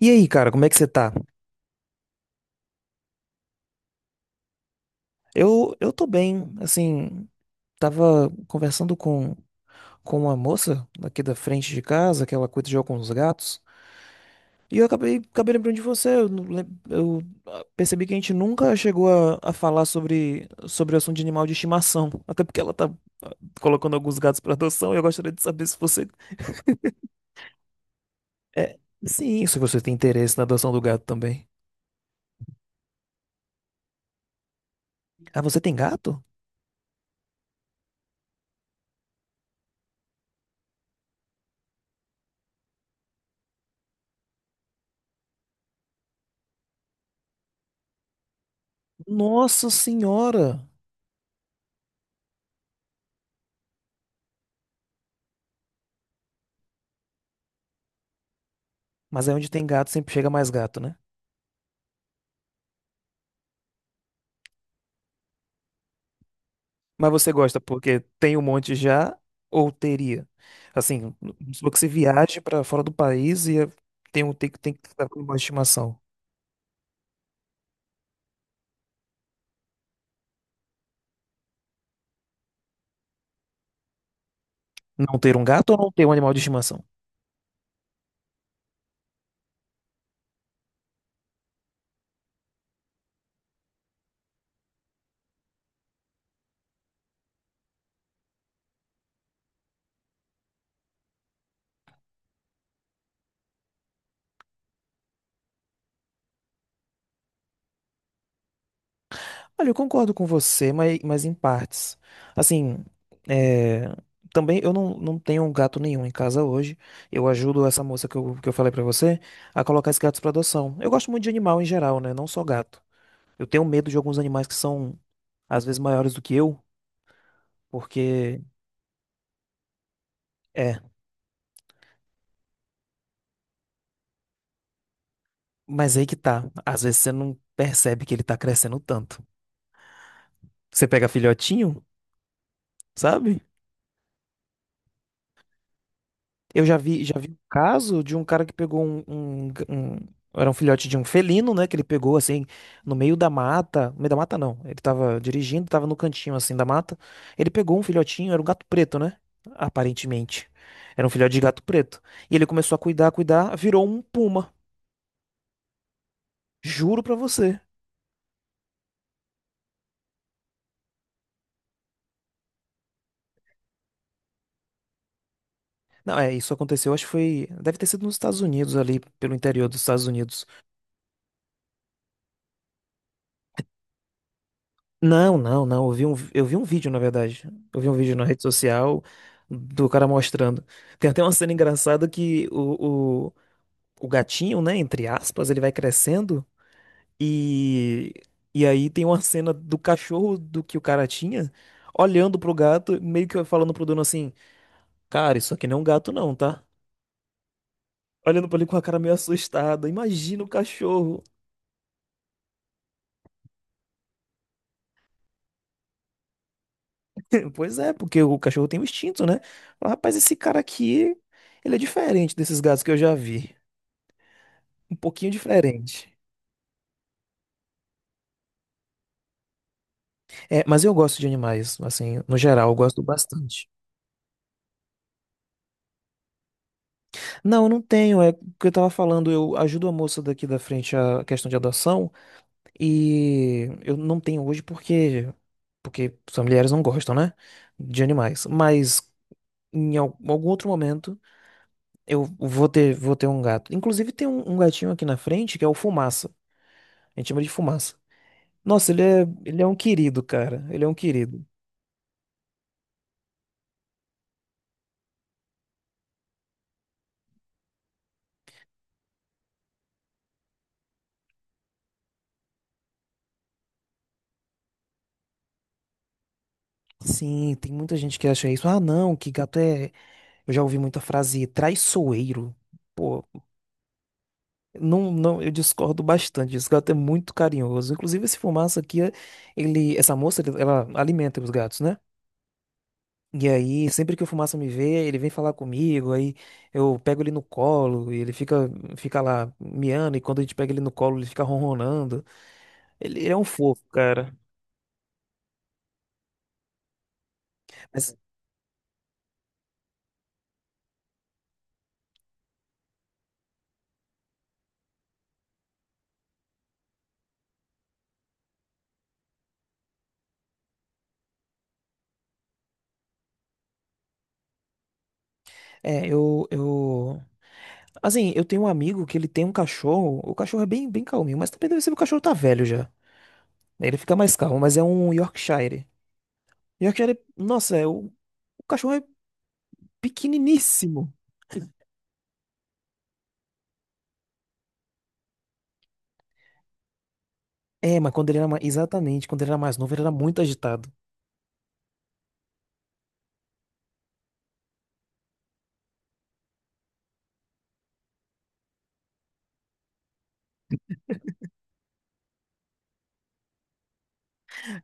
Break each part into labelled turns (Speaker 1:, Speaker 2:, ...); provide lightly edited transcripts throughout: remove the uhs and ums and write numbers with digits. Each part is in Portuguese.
Speaker 1: E aí, cara, como é que você tá? Eu tô bem, assim, tava conversando com uma moça aqui da frente de casa, que ela cuida de alguns gatos, e eu acabei lembrando de você, eu, não lem- eu, ah, percebi que a gente nunca chegou a falar sobre o assunto de animal de estimação, até porque ela tá ah, colocando alguns gatos pra adoção, e eu gostaria de saber se você... É, sim, se você tem interesse na adoção do gato também. Ah, você tem gato? Nossa senhora! Mas aí onde tem gato sempre chega mais gato, né? Mas você gosta porque tem um monte já ou teria? Assim, se você viaja para fora do país tem um tem que estar com um animal de estimação. Não ter um gato ou não ter um animal de estimação? Olha, eu concordo com você, mas em partes. Assim, é, também eu não tenho um gato nenhum em casa hoje. Eu ajudo essa moça que eu falei pra você a colocar esses gatos pra adoção. Eu gosto muito de animal em geral, né? Não só gato. Eu tenho medo de alguns animais que são, às vezes, maiores do que eu, porque. É. Mas aí que tá. Às vezes você não percebe que ele tá crescendo tanto. Você pega filhotinho, sabe? Já vi um caso de um cara que pegou Era um filhote de um felino, né? Que ele pegou assim, no meio da mata. No meio da mata, não. Ele tava dirigindo, tava no cantinho assim da mata. Ele pegou um filhotinho, era um gato preto, né? Aparentemente. Era um filhote de gato preto. E ele começou a cuidar, virou um puma. Juro pra você. Não, é, isso aconteceu, acho que foi. Deve ter sido nos Estados Unidos, ali, pelo interior dos Estados Unidos. Não, não, não. Eu vi um vídeo, na verdade. Eu vi um vídeo na rede social do cara mostrando. Tem até uma cena engraçada que o gatinho, né, entre aspas, ele vai crescendo e, e aí tem uma cena do cachorro do que o cara tinha olhando pro gato, meio que falando pro dono assim: Cara, isso aqui não é um gato, não, tá? Olhando pra ele com a cara meio assustada. Imagina o cachorro. Pois é, porque o cachorro tem um instinto, né? Fala, rapaz, esse cara aqui, ele é diferente desses gatos que eu já vi. Um pouquinho diferente. É, mas eu gosto de animais, assim, no geral, eu gosto bastante. Não, eu não tenho, é o que eu tava falando, eu ajudo a moça daqui da frente a questão de adoção e eu não tenho hoje porque as mulheres não gostam, né, de animais. Mas em algum outro momento eu vou ter um gato. Inclusive tem um gatinho aqui na frente que é o Fumaça. A gente chama de Fumaça. Nossa, ele é um querido, cara. Ele é um querido. Sim, tem muita gente que acha isso. Ah, não, que gato é. Eu já ouvi muita frase traiçoeiro. Pô, não, eu discordo bastante disso. Gato é muito carinhoso. Inclusive, esse Fumaça aqui, ele, essa moça, ela alimenta os gatos, né? E aí, sempre que o Fumaça me vê, ele vem falar comigo. Aí eu pego ele no colo e ele fica lá miando. E quando a gente pega ele no colo, ele fica ronronando. Ele é um fofo, cara. Mas é, eu assim, eu tenho um amigo que ele tem um cachorro. O cachorro é bem calminho, mas também deve ser que o cachorro tá velho já. Ele fica mais calmo, mas é um Yorkshire. Yorkshire, nossa, é o cachorro é pequeniníssimo. É, mas quando ele era mais, exatamente, quando ele era mais novo, ele era muito agitado.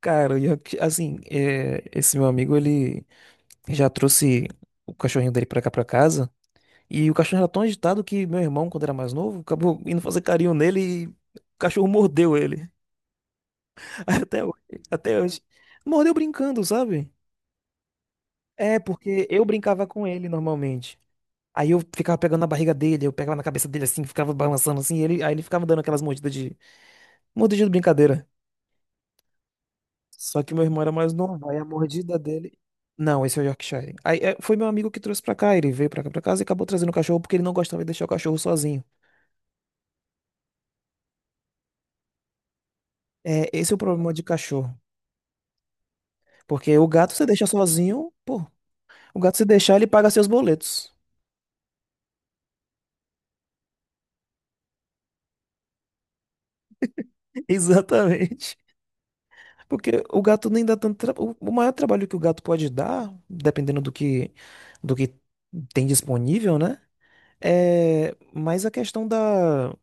Speaker 1: Cara, assim, é, esse meu amigo, ele já trouxe o cachorrinho dele pra cá pra casa. E o cachorro era tão agitado que meu irmão, quando era mais novo, acabou indo fazer carinho nele e o cachorro mordeu ele. Até hoje, até hoje. Mordeu brincando, sabe? É, porque eu brincava com ele normalmente. Aí eu ficava pegando na barriga dele, eu pegava na cabeça dele assim, ficava balançando assim, e ele, aí ele ficava dando aquelas mordida de brincadeira. Só que meu irmão era mais novo, aí a mordida dele. Não, esse é o Yorkshire. Aí é, foi meu amigo que trouxe pra cá, ele veio pra cá pra casa e acabou trazendo o cachorro porque ele não gostava de deixar o cachorro sozinho. É, esse é o problema de cachorro. Porque o gato você deixa sozinho, pô, o gato se deixar, ele paga seus boletos. Exatamente. Porque o gato nem dá tanto. O maior trabalho que o gato pode dar, dependendo do que tem disponível, né? É mais a questão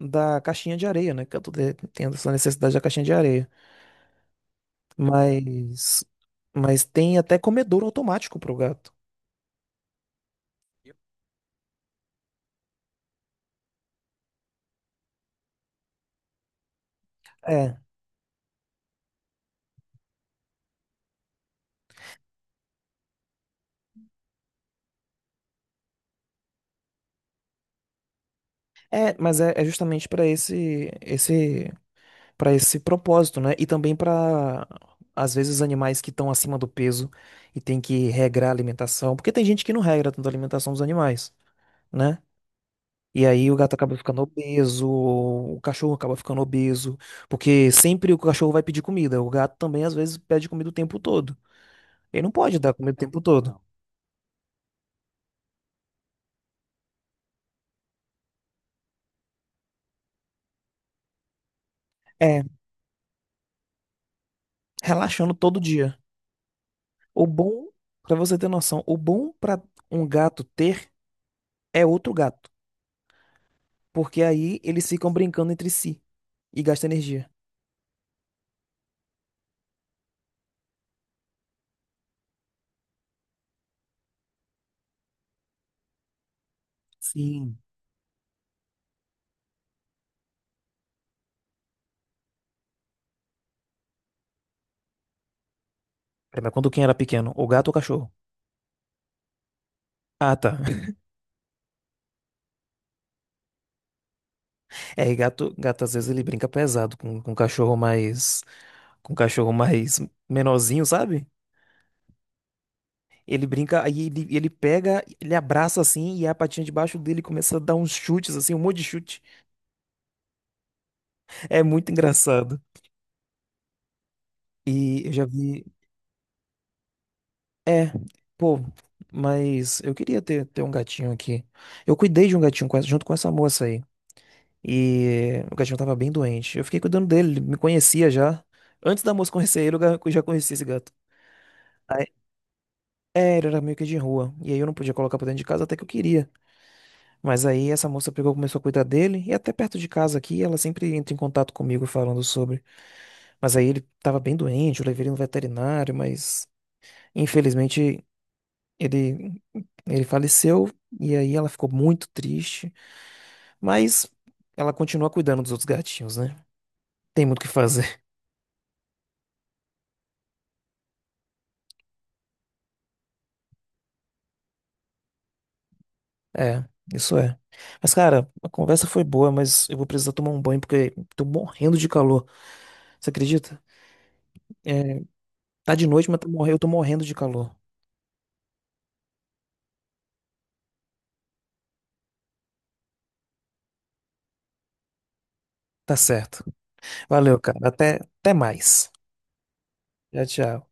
Speaker 1: da caixinha de areia, né? Que eu tendo essa necessidade da caixinha de areia. Mas, mas tem até comedouro automático pro gato. É, é justamente para esse, esse para esse propósito, né? E também para, às vezes, animais que estão acima do peso e tem que regrar a alimentação, porque tem gente que não regra tanto a alimentação dos animais, né? E aí o gato acaba ficando obeso, o cachorro acaba ficando obeso, porque sempre o cachorro vai pedir comida, o gato também às vezes pede comida o tempo todo. Ele não pode dar comida o tempo todo. É, relaxando todo dia. O bom, para você ter noção, o bom para um gato ter é outro gato. Porque aí eles ficam brincando entre si e gastam energia. Sim. Pera, mas quando quem era pequeno? O gato ou o cachorro? Ah, tá. É, e gato às vezes ele brinca pesado com cachorro mais. Com cachorro mais menorzinho, sabe? Ele brinca, aí ele pega, ele abraça assim e a patinha debaixo dele começa a dar uns chutes, assim, um monte de chute. É muito engraçado. E eu já vi. É, pô, mas eu queria ter um gatinho aqui. Eu cuidei de um gatinho junto com essa moça aí. E o gatinho tava bem doente. Eu fiquei cuidando dele, ele me conhecia já. Antes da moça conhecer ele, eu já conhecia esse gato. Aí, é, ele era meio que de rua. E aí eu não podia colocar pra dentro de casa até que eu queria. Mas aí essa moça pegou, e começou a cuidar dele. E até perto de casa aqui, ela sempre entra em contato comigo falando sobre. Mas aí ele tava bem doente, eu levei ele no veterinário, mas infelizmente ele, ele faleceu. E aí ela ficou muito triste. Mas ela continua cuidando dos outros gatinhos, né? Tem muito o que fazer. É, isso é. Mas, cara, a conversa foi boa, mas eu vou precisar tomar um banho porque tô morrendo de calor. Você acredita? É, tá de noite, mas eu tô morrendo de calor. Tá certo. Valeu, cara. Até, até mais. Tchau, tchau.